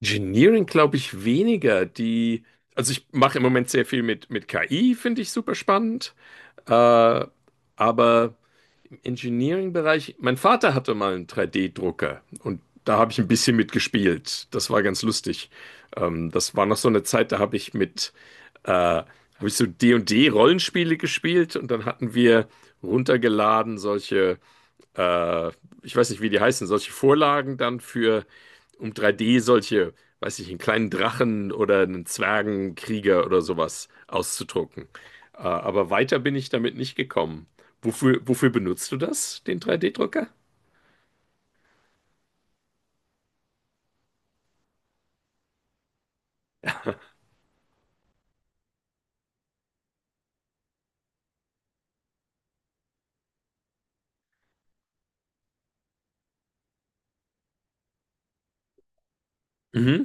Engineering glaube ich weniger. Also ich mache im Moment sehr viel mit KI, finde ich super spannend. Äh, aber im Engineering-Bereich, mein Vater hatte mal einen 3D-Drucker und da habe ich ein bisschen mitgespielt. Das war ganz lustig. Das war noch so eine Zeit, da habe ich so D und D Rollenspiele gespielt und dann hatten wir runtergeladen solche äh, ich weiß nicht, wie die heißen, solche Vorlagen dann für, um 3D solche, weiß ich, einen kleinen Drachen oder einen Zwergenkrieger oder sowas auszudrucken. Aber weiter bin ich damit nicht gekommen. Wofür benutzt du das, den 3D-Drucker? Mhm.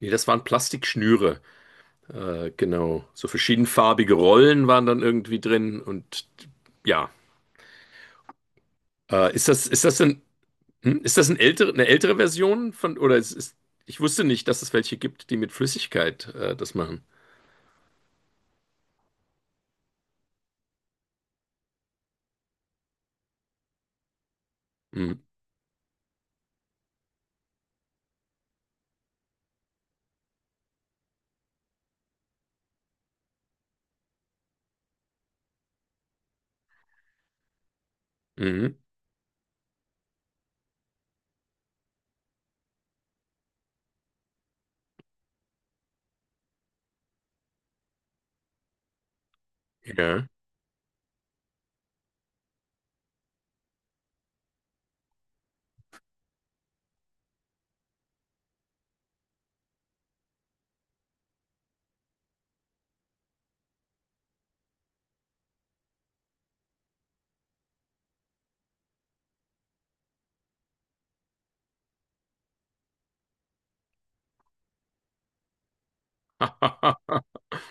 Nee, das waren Plastikschnüre. Genau. So verschiedenfarbige Rollen waren dann irgendwie drin und ja. Ist das denn? Hm? Ist das eine ältere Version von, oder ich wusste nicht, dass es welche gibt, die mit Flüssigkeit das machen. Hm. Mhm. Ja.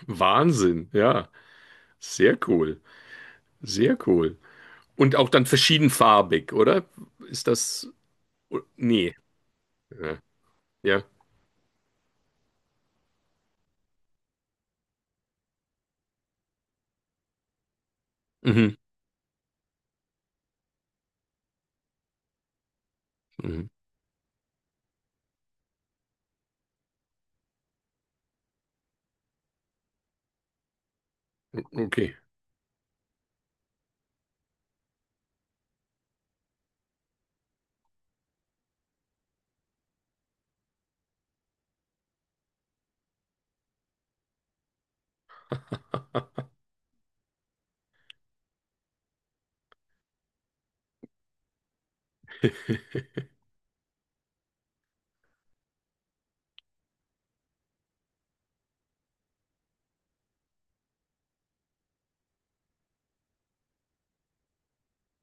Wahnsinn, ja. Sehr cool. Sehr cool. Und auch dann verschiedenfarbig, oder? Ist das. Nee. Ja. Ja. Mhm. Mhm. Okay.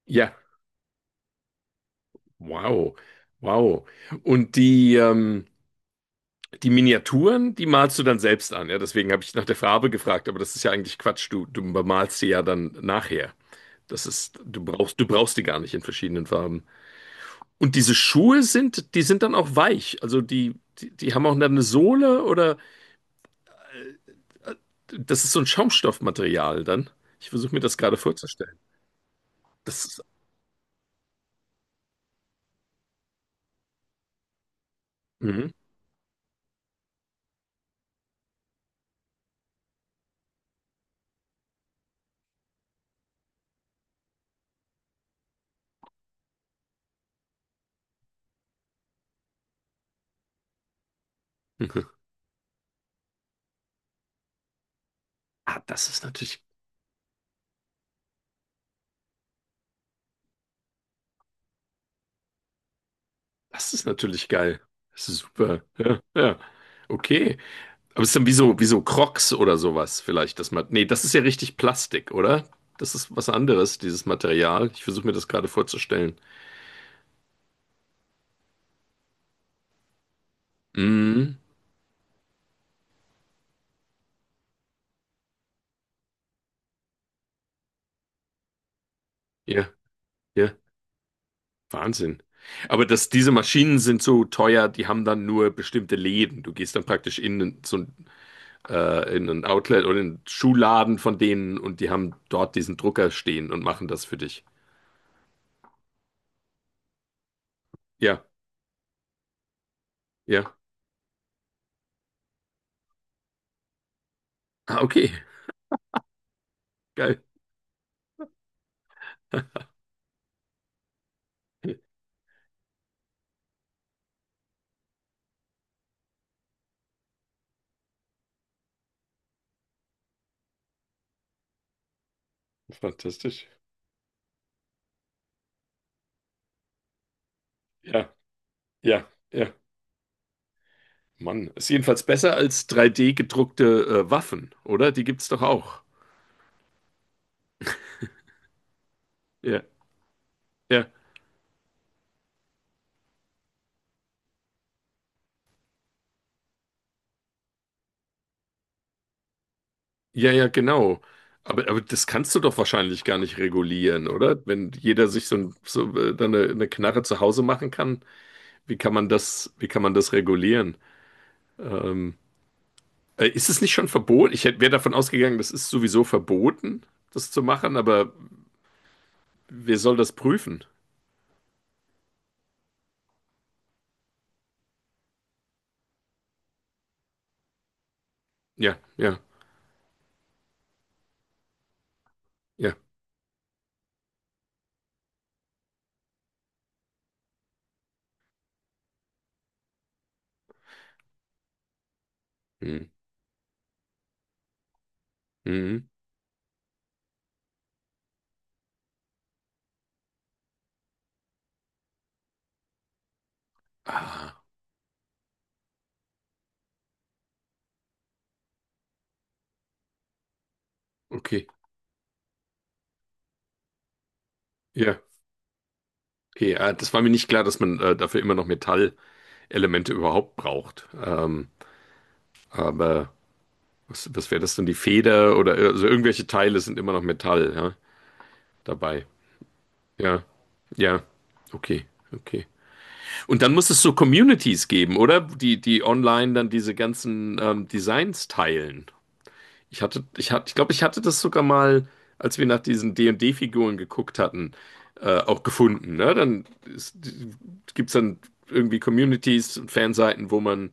Ja. Wow. Wow. Und die Miniaturen, die malst du dann selbst an. Ja, deswegen habe ich nach der Farbe gefragt, aber das ist ja eigentlich Quatsch. Du bemalst sie ja dann nachher. Das ist, du brauchst die gar nicht in verschiedenen Farben. Und diese Schuhe sind, die sind dann auch weich. Also die haben auch dann eine Sohle oder das ist so ein Schaumstoffmaterial dann. Ich versuche mir das gerade vorzustellen. Das ist. Mhm. Mhm. Ah, das ist natürlich geil. Das ist super. Ja, ja. Okay. Aber es ist dann wie so Crocs oder sowas vielleicht, das man, nee, das ist ja richtig Plastik, oder? Das ist was anderes, dieses Material. Ich versuche mir das gerade vorzustellen. Mhm. Ja, ja. Wahnsinn. Diese Maschinen sind so teuer, die haben dann nur bestimmte Läden. Du gehst dann praktisch in ein Outlet oder in einen Schuhladen von denen und die haben dort diesen Drucker stehen und machen das für dich. Ja, ja. Ah, okay. Geil. Fantastisch. Ja, ja, ja. Mann, ist jedenfalls besser als 3D gedruckte Waffen, oder? Die gibt's doch auch. Ja, ja. Ja, ja, genau. Aber das kannst du doch wahrscheinlich gar nicht regulieren, oder? Wenn jeder sich so, ein, so dann eine Knarre zu Hause machen kann, wie kann man das regulieren? Ähm, Ist es nicht schon verboten? Ich wäre davon ausgegangen, das ist sowieso verboten, das zu machen, aber wer soll das prüfen? Ja, ja, ja. Mhm. Mhm. Ah, okay. Ja, okay. Ah, das war mir nicht klar, dass man dafür immer noch Metallelemente überhaupt braucht. Aber. Was wäre das denn? Die Feder oder also irgendwelche Teile sind immer noch Metall, ja, dabei. Ja, ja, okay, okay. Und dann muss es so Communities geben, oder? Die, die online dann diese ganzen Designs teilen. Ich glaube, ich hatte das sogar mal, als wir nach diesen D D Figuren geguckt hatten, auch gefunden. Ne? Dann gibt es dann irgendwie Communities und Fanseiten, wo man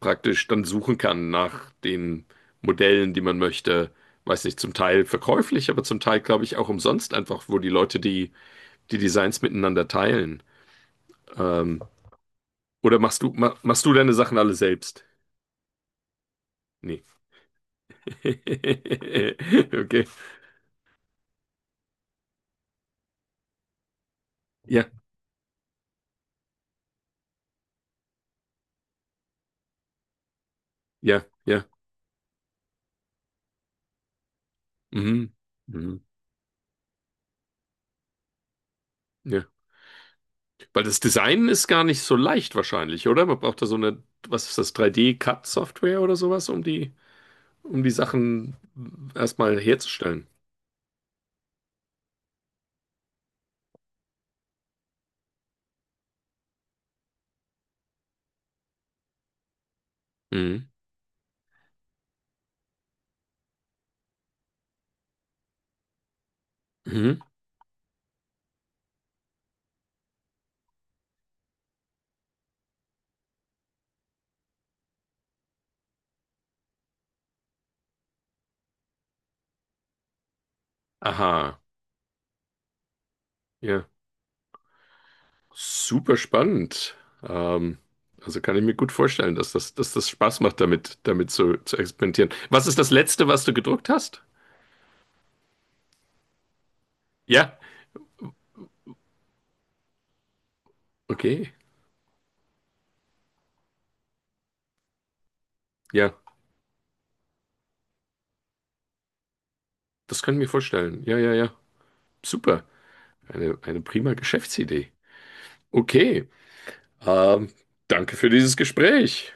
praktisch dann suchen kann nach den Modellen, die man möchte. Weiß nicht, zum Teil verkäuflich, aber zum Teil, glaube ich, auch umsonst einfach, wo die Leute die Designs miteinander teilen. Ähm, oder machst du deine Sachen alle selbst? Nee. Okay. Ja, ja, ja. Mhm. Mhm. Ja. Weil das Design ist gar nicht so leicht wahrscheinlich, oder? Man braucht da so eine, was ist das, 3D-Cut-Software oder sowas, um die Sachen erstmal herzustellen. Mhm. Mhm. Aha, ja, super spannend. Ähm, also kann ich mir gut vorstellen, dass das, Spaß macht, damit zu experimentieren. Was ist das Letzte, was du gedruckt hast? Ja, okay, ja, das kann ich mir vorstellen. Ja, ja, ja, super. Eine prima Geschäftsidee. Okay, ähm, danke für dieses Gespräch.